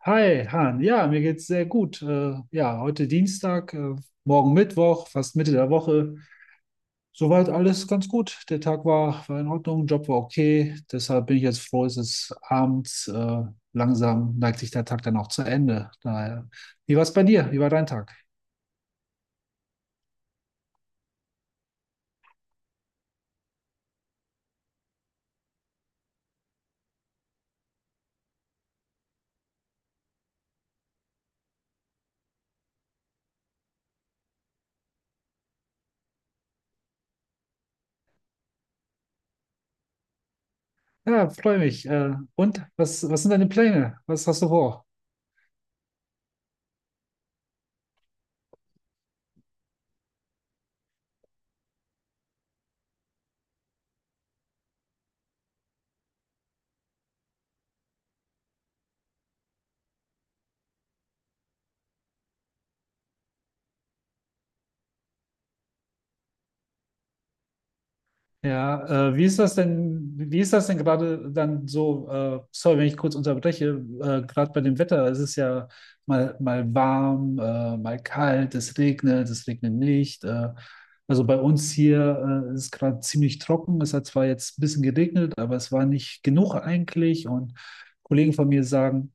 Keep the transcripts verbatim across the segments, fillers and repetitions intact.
Hi, Han. Ja, mir geht's sehr gut. Äh, ja, heute Dienstag, äh, morgen Mittwoch, fast Mitte der Woche. Soweit alles ganz gut. Der Tag war, war in Ordnung, Job war okay. Deshalb bin ich jetzt froh, es ist abends. Äh, langsam neigt sich der Tag dann auch zu Ende. Daher, wie war's bei dir? Wie war dein Tag? Ja, freue mich. Äh, und was, was sind deine Pläne? Was hast du vor? Ja, äh, wie ist das denn, wie ist das denn gerade dann so, äh, sorry, wenn ich kurz unterbreche, äh, gerade bei dem Wetter. Es ist ja mal, mal warm, äh, mal kalt, es regnet, es regnet nicht. Äh, also bei uns hier äh, ist es gerade ziemlich trocken. Es hat zwar jetzt ein bisschen geregnet, aber es war nicht genug eigentlich. Und Kollegen von mir sagen,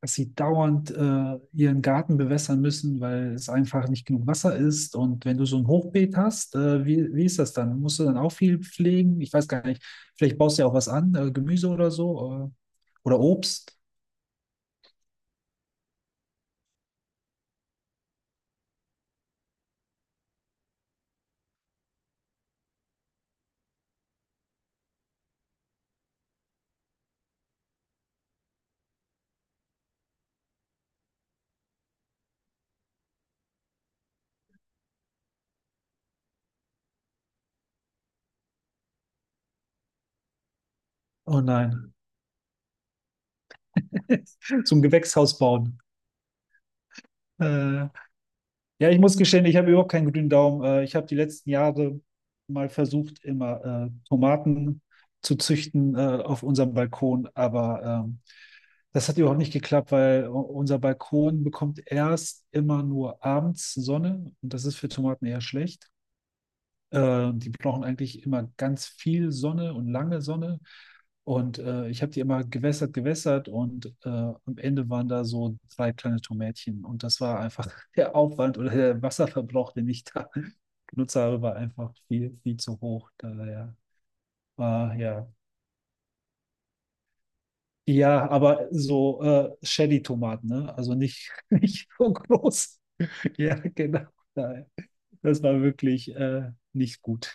dass sie dauernd äh, ihren Garten bewässern müssen, weil es einfach nicht genug Wasser ist. Und wenn du so ein Hochbeet hast, äh, wie, wie ist das dann? Musst du dann auch viel pflegen? Ich weiß gar nicht. Vielleicht baust du ja auch was an, äh, Gemüse oder so, äh, oder Obst. Oh nein, zum Gewächshaus bauen. Äh, Ja, ich muss gestehen, ich habe überhaupt keinen grünen Daumen. Äh, Ich habe die letzten Jahre mal versucht, immer äh, Tomaten zu züchten, äh, auf unserem Balkon, aber ähm, das hat überhaupt nicht geklappt, weil u- unser Balkon bekommt erst immer nur abends Sonne und das ist für Tomaten eher schlecht. Äh, die brauchen eigentlich immer ganz viel Sonne und lange Sonne. Und äh, ich habe die immer gewässert, gewässert und äh, am Ende waren da so drei kleine Tomätchen. Und das war einfach der Aufwand oder der Wasserverbrauch, den ich da genutzt habe, war einfach viel, viel zu hoch. Daher war ja. Ja, aber so äh, Shelly-Tomaten, ne? Also nicht, nicht so groß. Ja, genau. Daher. Das war wirklich äh, nicht gut.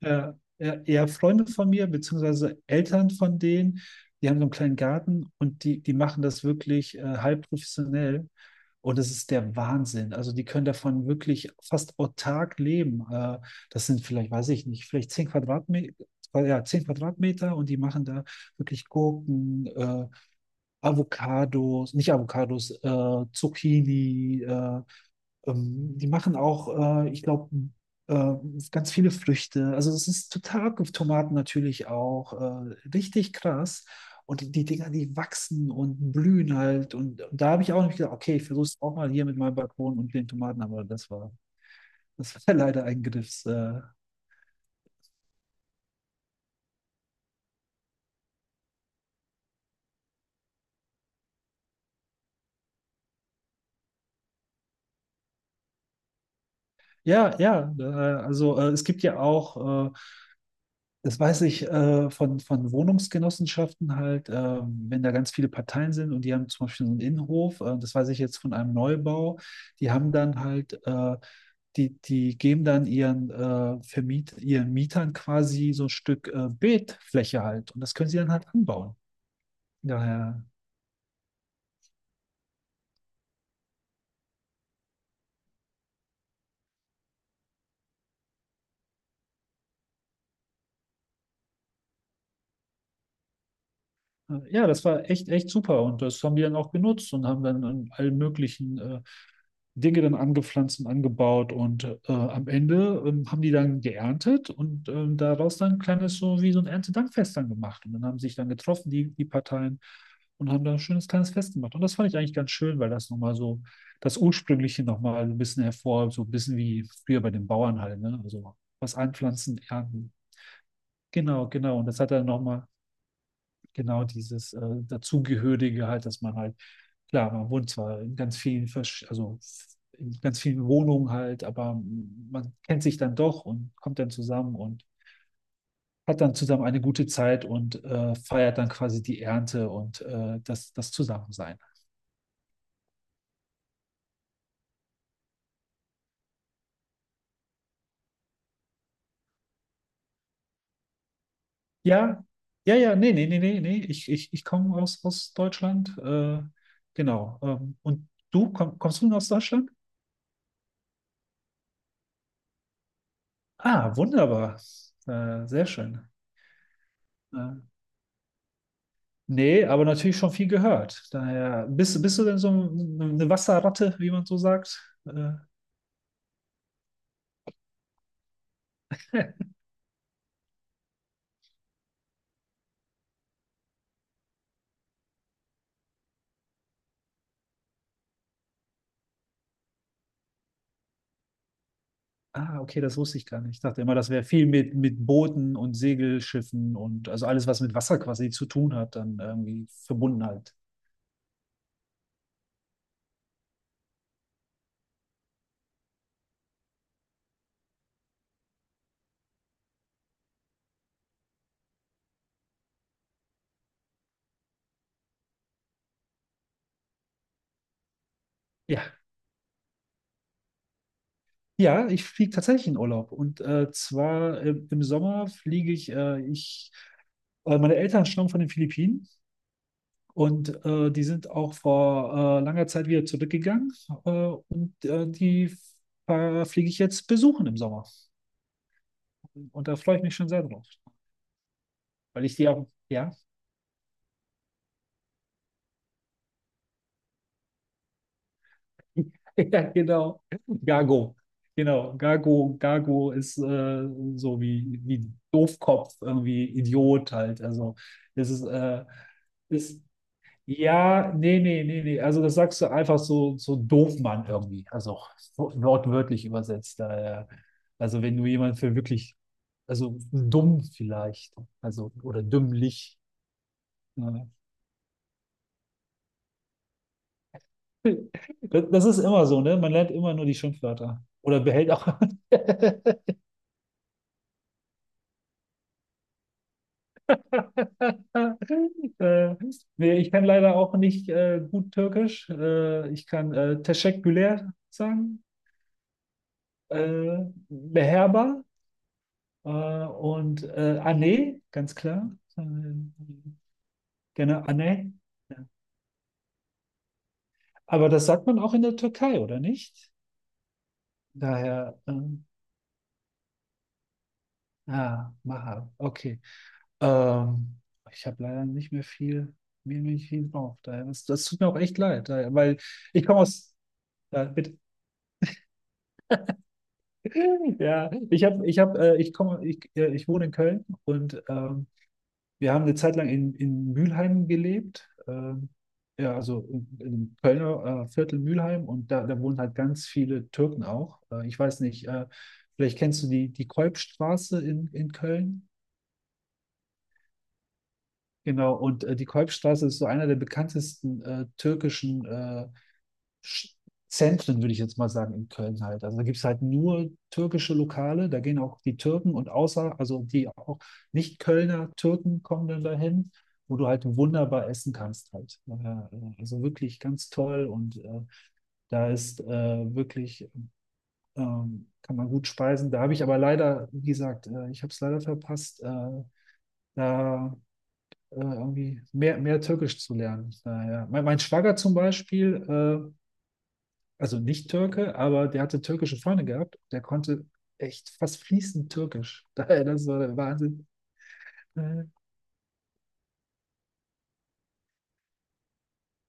Ja, ja, ja, Freunde von mir, beziehungsweise Eltern von denen, die haben so einen kleinen Garten und die, die machen das wirklich äh, halb professionell. Und das ist der Wahnsinn. Also die können davon wirklich fast autark leben. Äh, das sind vielleicht, weiß ich nicht, vielleicht zehn Quadratmeter, ja, zehn Quadratmeter, und die machen da wirklich Gurken, äh, Avocados, nicht Avocados, äh, Zucchini, äh, ähm, die machen auch, äh, ich glaube, äh, ganz viele Früchte. Also es ist total abgefahren. Tomaten natürlich auch. Äh, richtig krass. Und die, die Dinger, die wachsen und blühen halt. Und, und da habe ich auch nicht gedacht, okay, ich versuche es auch mal hier mit meinem Balkon und den Tomaten, aber das war, das war leider ein Griffs. Äh, ja, ja. Äh, also äh, es gibt ja auch. Äh, Das weiß ich äh, von, von Wohnungsgenossenschaften halt. Äh, wenn da ganz viele Parteien sind und die haben zum Beispiel so einen Innenhof, äh, das weiß ich jetzt von einem Neubau, die haben dann halt äh, die, die geben dann ihren, äh, Vermiet, ihren Mietern quasi so ein Stück äh, Beetfläche halt, und das können sie dann halt anbauen. Daher, äh, ja, das war echt, echt super, und das haben die dann auch genutzt und haben dann in allen möglichen äh, Dinge dann angepflanzt und angebaut, und äh, am Ende ähm, haben die dann geerntet und ähm, daraus dann ein kleines, so wie so ein Erntedankfest dann gemacht. Und dann haben sich dann getroffen, die, die Parteien, und haben dann ein schönes kleines Fest gemacht. Und das fand ich eigentlich ganz schön, weil das nochmal so das Ursprüngliche nochmal so ein bisschen hervor, so ein bisschen wie früher bei den Bauern halt, ne? Also was anpflanzen, ernten. Genau, genau. Und das hat dann nochmal genau dieses äh, Dazugehörige halt, dass man halt, klar, man wohnt zwar in ganz vielen, Versch also in ganz vielen Wohnungen halt, aber man kennt sich dann doch und kommt dann zusammen und hat dann zusammen eine gute Zeit und äh, feiert dann quasi die Ernte und äh, das, das Zusammensein. Ja, ja, ja, nee, nee, nee, nee, nee. Ich, ich, ich komme aus, aus Deutschland. Äh, genau. Ähm, und du, komm, kommst du aus Deutschland? Ah, wunderbar. Äh, sehr schön. Äh, Nee, aber natürlich schon viel gehört. Daher, bist, bist du denn so eine Wasserratte, wie man so sagt? Äh, ah, okay, das wusste ich gar nicht. Ich dachte immer, das wäre viel mit, mit, Booten und Segelschiffen und also alles, was mit Wasser quasi zu tun hat, dann irgendwie verbunden halt. Ja, ja, ich fliege tatsächlich in Urlaub. Und äh, zwar im, im Sommer fliege ich, äh, ich, äh, Meine Eltern stammen von den Philippinen. Und äh, die sind auch vor äh, langer Zeit wieder zurückgegangen, äh, und äh, die äh, fliege ich jetzt besuchen im Sommer. Und da freue ich mich schon sehr drauf, weil ich die auch, ja, ja, genau, Gago. Genau, Gago, Gago ist äh, so wie, wie Doofkopf, irgendwie Idiot halt. Also, das ist, äh, ist ja, nee, nee, nee, nee. Also das sagst du einfach so, so Doofmann irgendwie. Also wo- wortwörtlich übersetzt. Daher. Also wenn du jemanden für wirklich, also dumm vielleicht, also oder dümmlich. Ja. Das, das ist immer so, ne? Man lernt immer nur die Schimpfwörter. Oder behält auch. äh, nee, ich kann leider auch nicht äh, gut Türkisch. Äh, ich kann äh, Teşekkürler sagen. Äh, Beherber. Äh, und äh, Anne, ganz klar. Äh, gerne Anne. Ja. Aber das sagt man auch in der Türkei, oder nicht? Daher, ähm, ah, Maha, okay. Ähm, ich habe leider nicht mehr viel, mir nicht viel drauf. Daher, das, das tut mir auch echt leid, daher, weil ich komme aus, ja, bitte, ja, ich habe, ich habe, äh, ich komme, ich, äh, ich wohne in Köln und ähm, wir haben eine Zeit lang in, in Mülheim gelebt, ähm, ja, also in- im Kölner äh, Viertel Mülheim und da, da wohnen halt ganz viele Türken auch. Äh, ich weiß nicht, äh, vielleicht kennst du die, die Kolbstraße in, in Köln. Genau, und äh, die Kolbstraße ist so einer der bekanntesten äh, türkischen äh, Sch- Zentren, würde ich jetzt mal sagen, in Köln halt. Also da gibt es halt nur türkische Lokale, da gehen auch die Türken, und außer, also die auch Nicht-Kölner Türken kommen dann dahin, wo du halt wunderbar essen kannst halt. Ja, Also wirklich ganz toll und äh, da ist äh, wirklich, ähm, kann man gut speisen. Da habe ich aber leider, wie gesagt, äh, ich habe es leider verpasst, äh, da äh, irgendwie mehr, mehr Türkisch zu lernen. Naja. Mein, mein Schwager zum Beispiel, äh, also nicht Türke, aber der hatte türkische Freunde gehabt. Der konnte echt fast fließend Türkisch. Daher, das war der Wahnsinn. Mhm.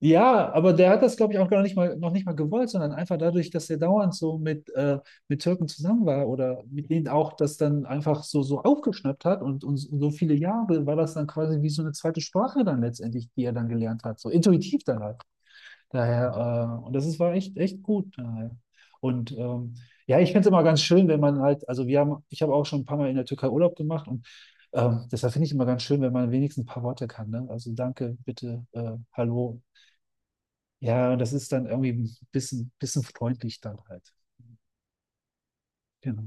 Ja, aber der hat das, glaube ich, auch gar nicht mal, noch nicht mal gewollt, sondern einfach dadurch, dass er dauernd so mit, äh, mit Türken zusammen war oder mit denen auch das dann einfach so, so aufgeschnappt hat, und, und so viele Jahre war das dann quasi wie so eine zweite Sprache dann letztendlich, die er dann gelernt hat, so intuitiv dann halt. Daher, äh, und das ist, war echt, echt gut. Daher. Und ähm, ja, ich finde es immer ganz schön, wenn man halt, also wir haben, ich habe auch schon ein paar Mal in der Türkei Urlaub gemacht und ähm, deshalb finde ich immer ganz schön, wenn man wenigstens ein paar Worte kann. Ne? Also danke, bitte, äh, hallo. Ja, und das ist dann irgendwie ein bisschen, bisschen freundlich dann halt. Genau.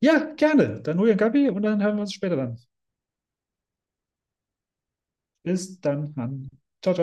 Ja, gerne. Dann hol dir einen Kaffee und dann hören wir uns später dann. Bis dann, Mann. Ciao.